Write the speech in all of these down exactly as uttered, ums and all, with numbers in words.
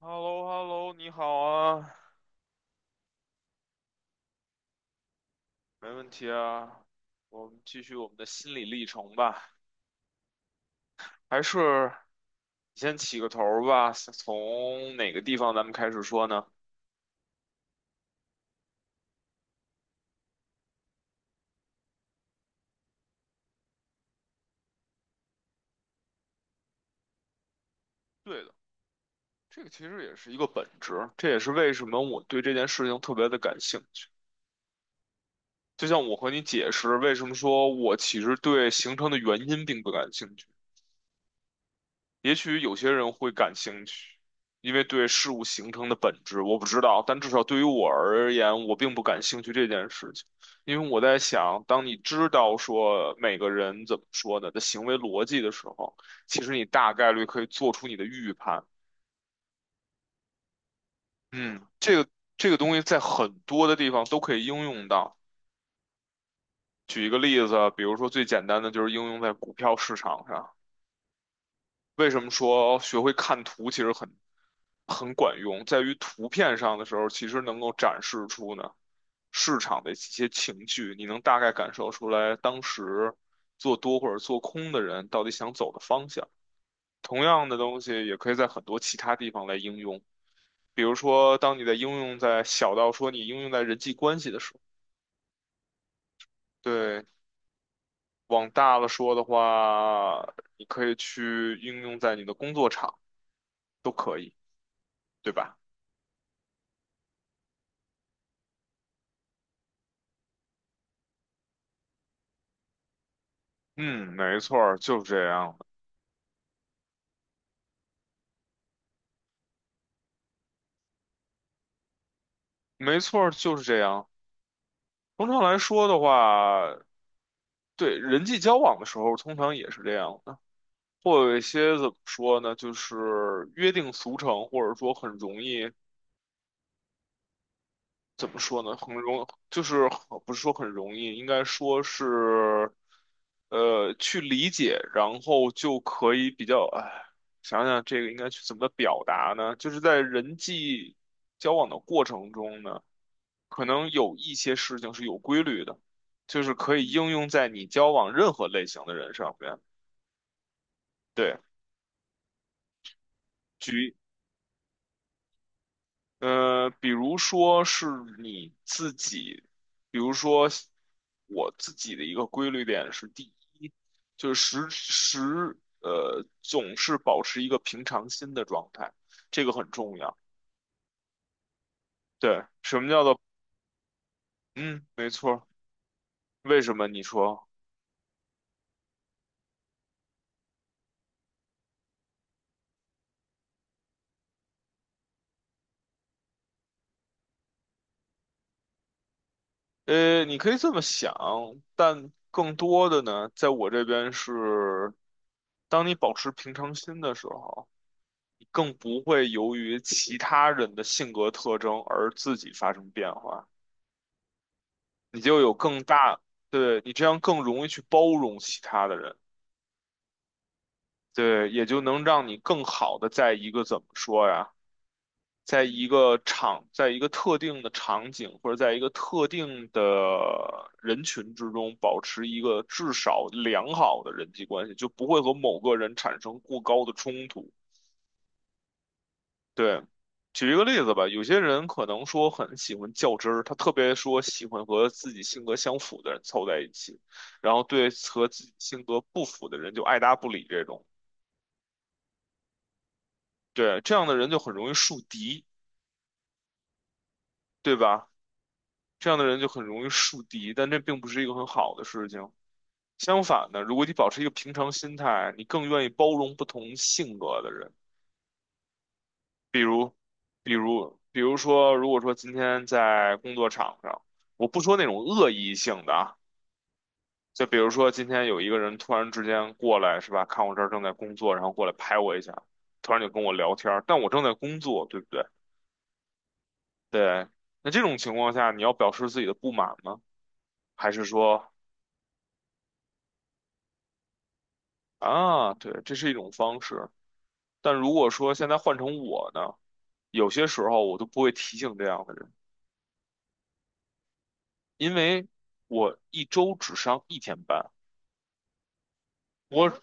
h e l l o h e l l o 你好啊，没问题啊，我们继续我们的心理历程吧。还是你先起个头儿吧，从哪个地方咱们开始说呢？对的，这个其实也是一个本质，这也是为什么我对这件事情特别的感兴趣。就像我和你解释为什么说我其实对形成的原因并不感兴趣。也许有些人会感兴趣，因为对事物形成的本质我不知道，但至少对于我而言，我并不感兴趣这件事情。因为我在想，当你知道说每个人怎么说的的行为逻辑的时候，其实你大概率可以做出你的预判。嗯，这个这个东西在很多的地方都可以应用到。举一个例子，比如说最简单的就是应用在股票市场上。为什么说学会看图其实很很管用，在于图片上的时候，其实能够展示出呢市场的一些情绪，你能大概感受出来当时做多或者做空的人到底想走的方向。同样的东西也可以在很多其他地方来应用，比如说，当你在应用在小到说你应用在人际关系的时候，对，往大了说的话，你可以去应用在你的工作场，都可以，对吧？嗯，没错儿，就是这样的，没错儿，就是这样。通常来说的话，对人际交往的时候，通常也是这样的，会有一些怎么说呢，就是约定俗成，或者说很容易，怎么说呢，很容，就是很不是说很容易，应该说是，呃，去理解，然后就可以比较，哎，想想这个应该去怎么表达呢？就是在人际交往的过程中呢。可能有一些事情是有规律的，就是可以应用在你交往任何类型的人上面。对，举，呃，比如说是你自己，比如说我自己的一个规律点是，第一，就是时时，呃，总是保持一个平常心的状态，这个很重要。对，什么叫做，嗯，没错儿为什么你说？呃，你可以这么想，但更多的呢，在我这边是，当你保持平常心的时候，你更不会由于其他人的性格特征而自己发生变化，你就有更大，对，你这样更容易去包容其他的人，对，也就能让你更好的在一个怎么说呀？在一个场，在一个特定的场景或者在一个特定的人群之中，保持一个至少良好的人际关系，就不会和某个人产生过高的冲突。对，举一个例子吧，有些人可能说很喜欢较真儿，他特别说喜欢和自己性格相符的人凑在一起，然后对和自己性格不符的人就爱搭不理这种。对，这样的人就很容易树敌，对吧？这样的人就很容易树敌，但这并不是一个很好的事情。相反的，如果你保持一个平常心态，你更愿意包容不同性格的人。比如，比如，比如说，如果说今天在工作场上，我不说那种恶意性的啊，就比如说今天有一个人突然之间过来，是吧？看我这儿正在工作，然后过来拍我一下，突然就跟我聊天儿，但我正在工作，对不对？对。那这种情况下，你要表示自己的不满吗？还是说？啊，对，这是一种方式。但如果说现在换成我呢，有些时候我都不会提醒这样的人，因为我一周只上一天班，我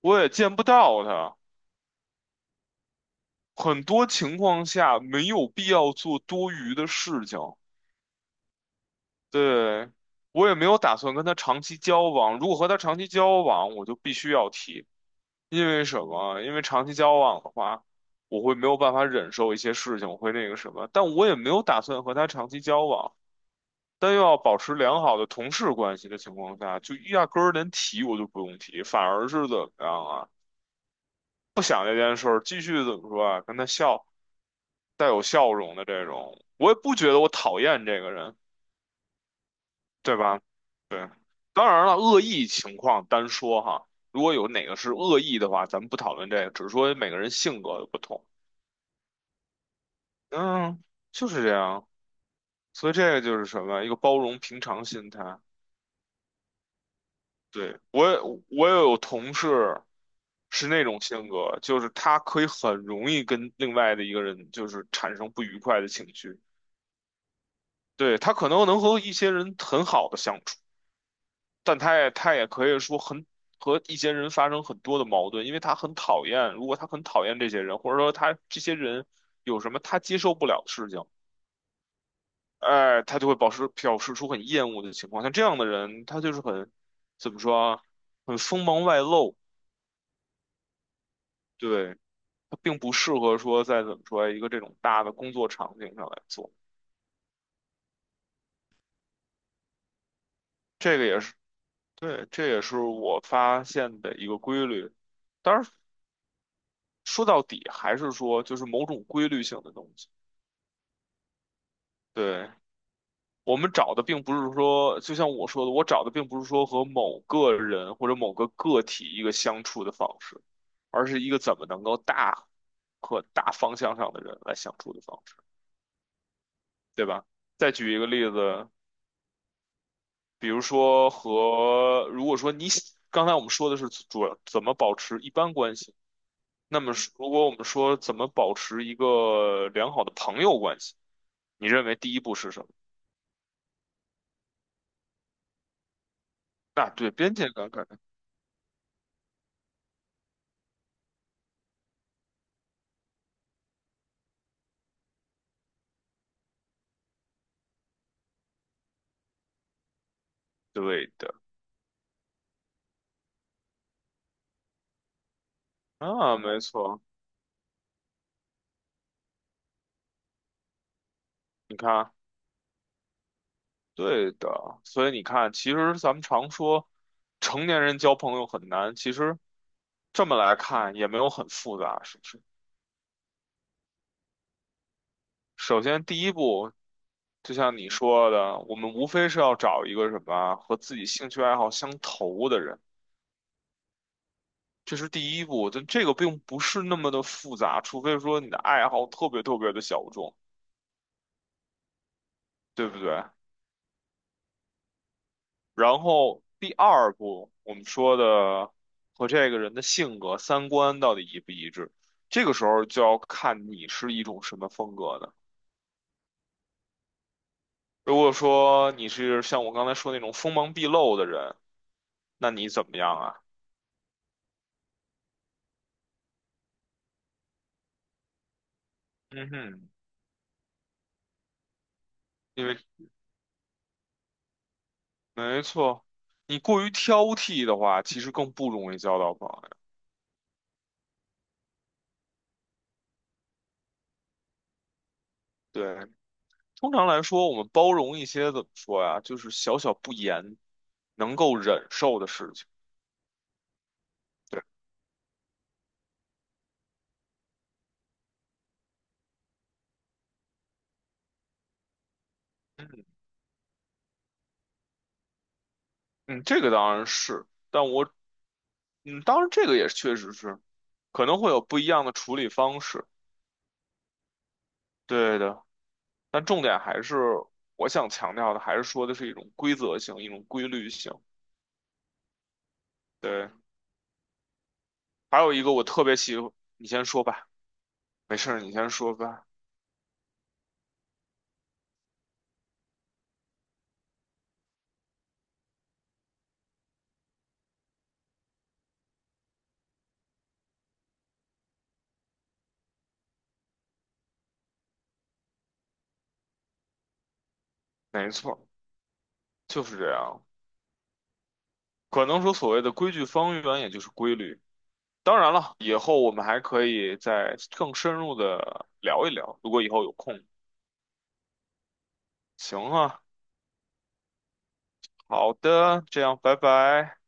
我也见不到他。很多情况下没有必要做多余的事情，对，我也没有打算跟他长期交往。如果和他长期交往，我就必须要提，因为什么？因为长期交往的话，我会没有办法忍受一些事情，我会那个什么。但我也没有打算和他长期交往。但又要保持良好的同事关系的情况下，就压根儿连提我就不用提，反而是怎么样啊？不想这件事儿，继续怎么说啊？跟他笑，带有笑容的这种，我也不觉得我讨厌这个人，对吧？对，当然了，恶意情况单说哈，如果有哪个是恶意的话，咱们不讨论这个，只是说每个人性格的不同。嗯，就是这样，所以这个就是什么，一个包容平常心态。对，我也我也有同事是那种性格，就是他可以很容易跟另外的一个人就是产生不愉快的情绪。对，他可能能和一些人很好的相处，但他也他也可以说很和一些人发生很多的矛盾，因为他很讨厌，如果他很讨厌这些人，或者说他这些人有什么他接受不了的事情，哎，他就会表示表示出很厌恶的情况。像这样的人，他就是很怎么说啊，很锋芒外露。对。它并不适合说在怎么说一个这种大的工作场景上来做。这个也是，对，这也是我发现的一个规律。当然，说到底还是说就是某种规律性的东西。对，我们找的并不是说，就像我说的，我找的并不是说和某个人或者某个个体一个相处的方式，而是一个怎么能够大和大方向上的人来相处的方式，对吧？再举一个例子，比如说和，如果说你喜刚才我们说的是主要怎么保持一般关系，那么是如果我们说怎么保持一个良好的朋友关系，你认为第一步是什么？啊，对，边界感感，对的，啊，没错，你看，对的，所以你看，其实咱们常说成年人交朋友很难，其实这么来看也没有很复杂，是不是？首先第一步，就像你说的，我们无非是要找一个什么和自己兴趣爱好相投的人，这是第一步。但这个并不是那么的复杂，除非说你的爱好特别特别的小众，对不对？然后第二步，我们说的和这个人的性格、三观到底一不一致，这个时候就要看你是一种什么风格的。如果说你是像我刚才说那种锋芒毕露的人，那你怎么样啊？嗯哼。因为没错，你过于挑剔的话，其实更不容易交到朋友。对，通常来说，我们包容一些怎么说呀，就是小小不言能够忍受的事情。对，嗯嗯，这个当然是，但我嗯，当然这个也确实是可能会有不一样的处理方式。对的，但重点还是我想强调的，还是说的是一种规则性，一种规律性。对，还有一个我特别喜欢，你先说吧，没事儿，你先说吧，没错。就是这样。可能说所谓的规矩方圆，也就是规律。当然了，以后我们还可以再更深入的聊一聊，如果以后有空。行啊，好的，这样，拜拜。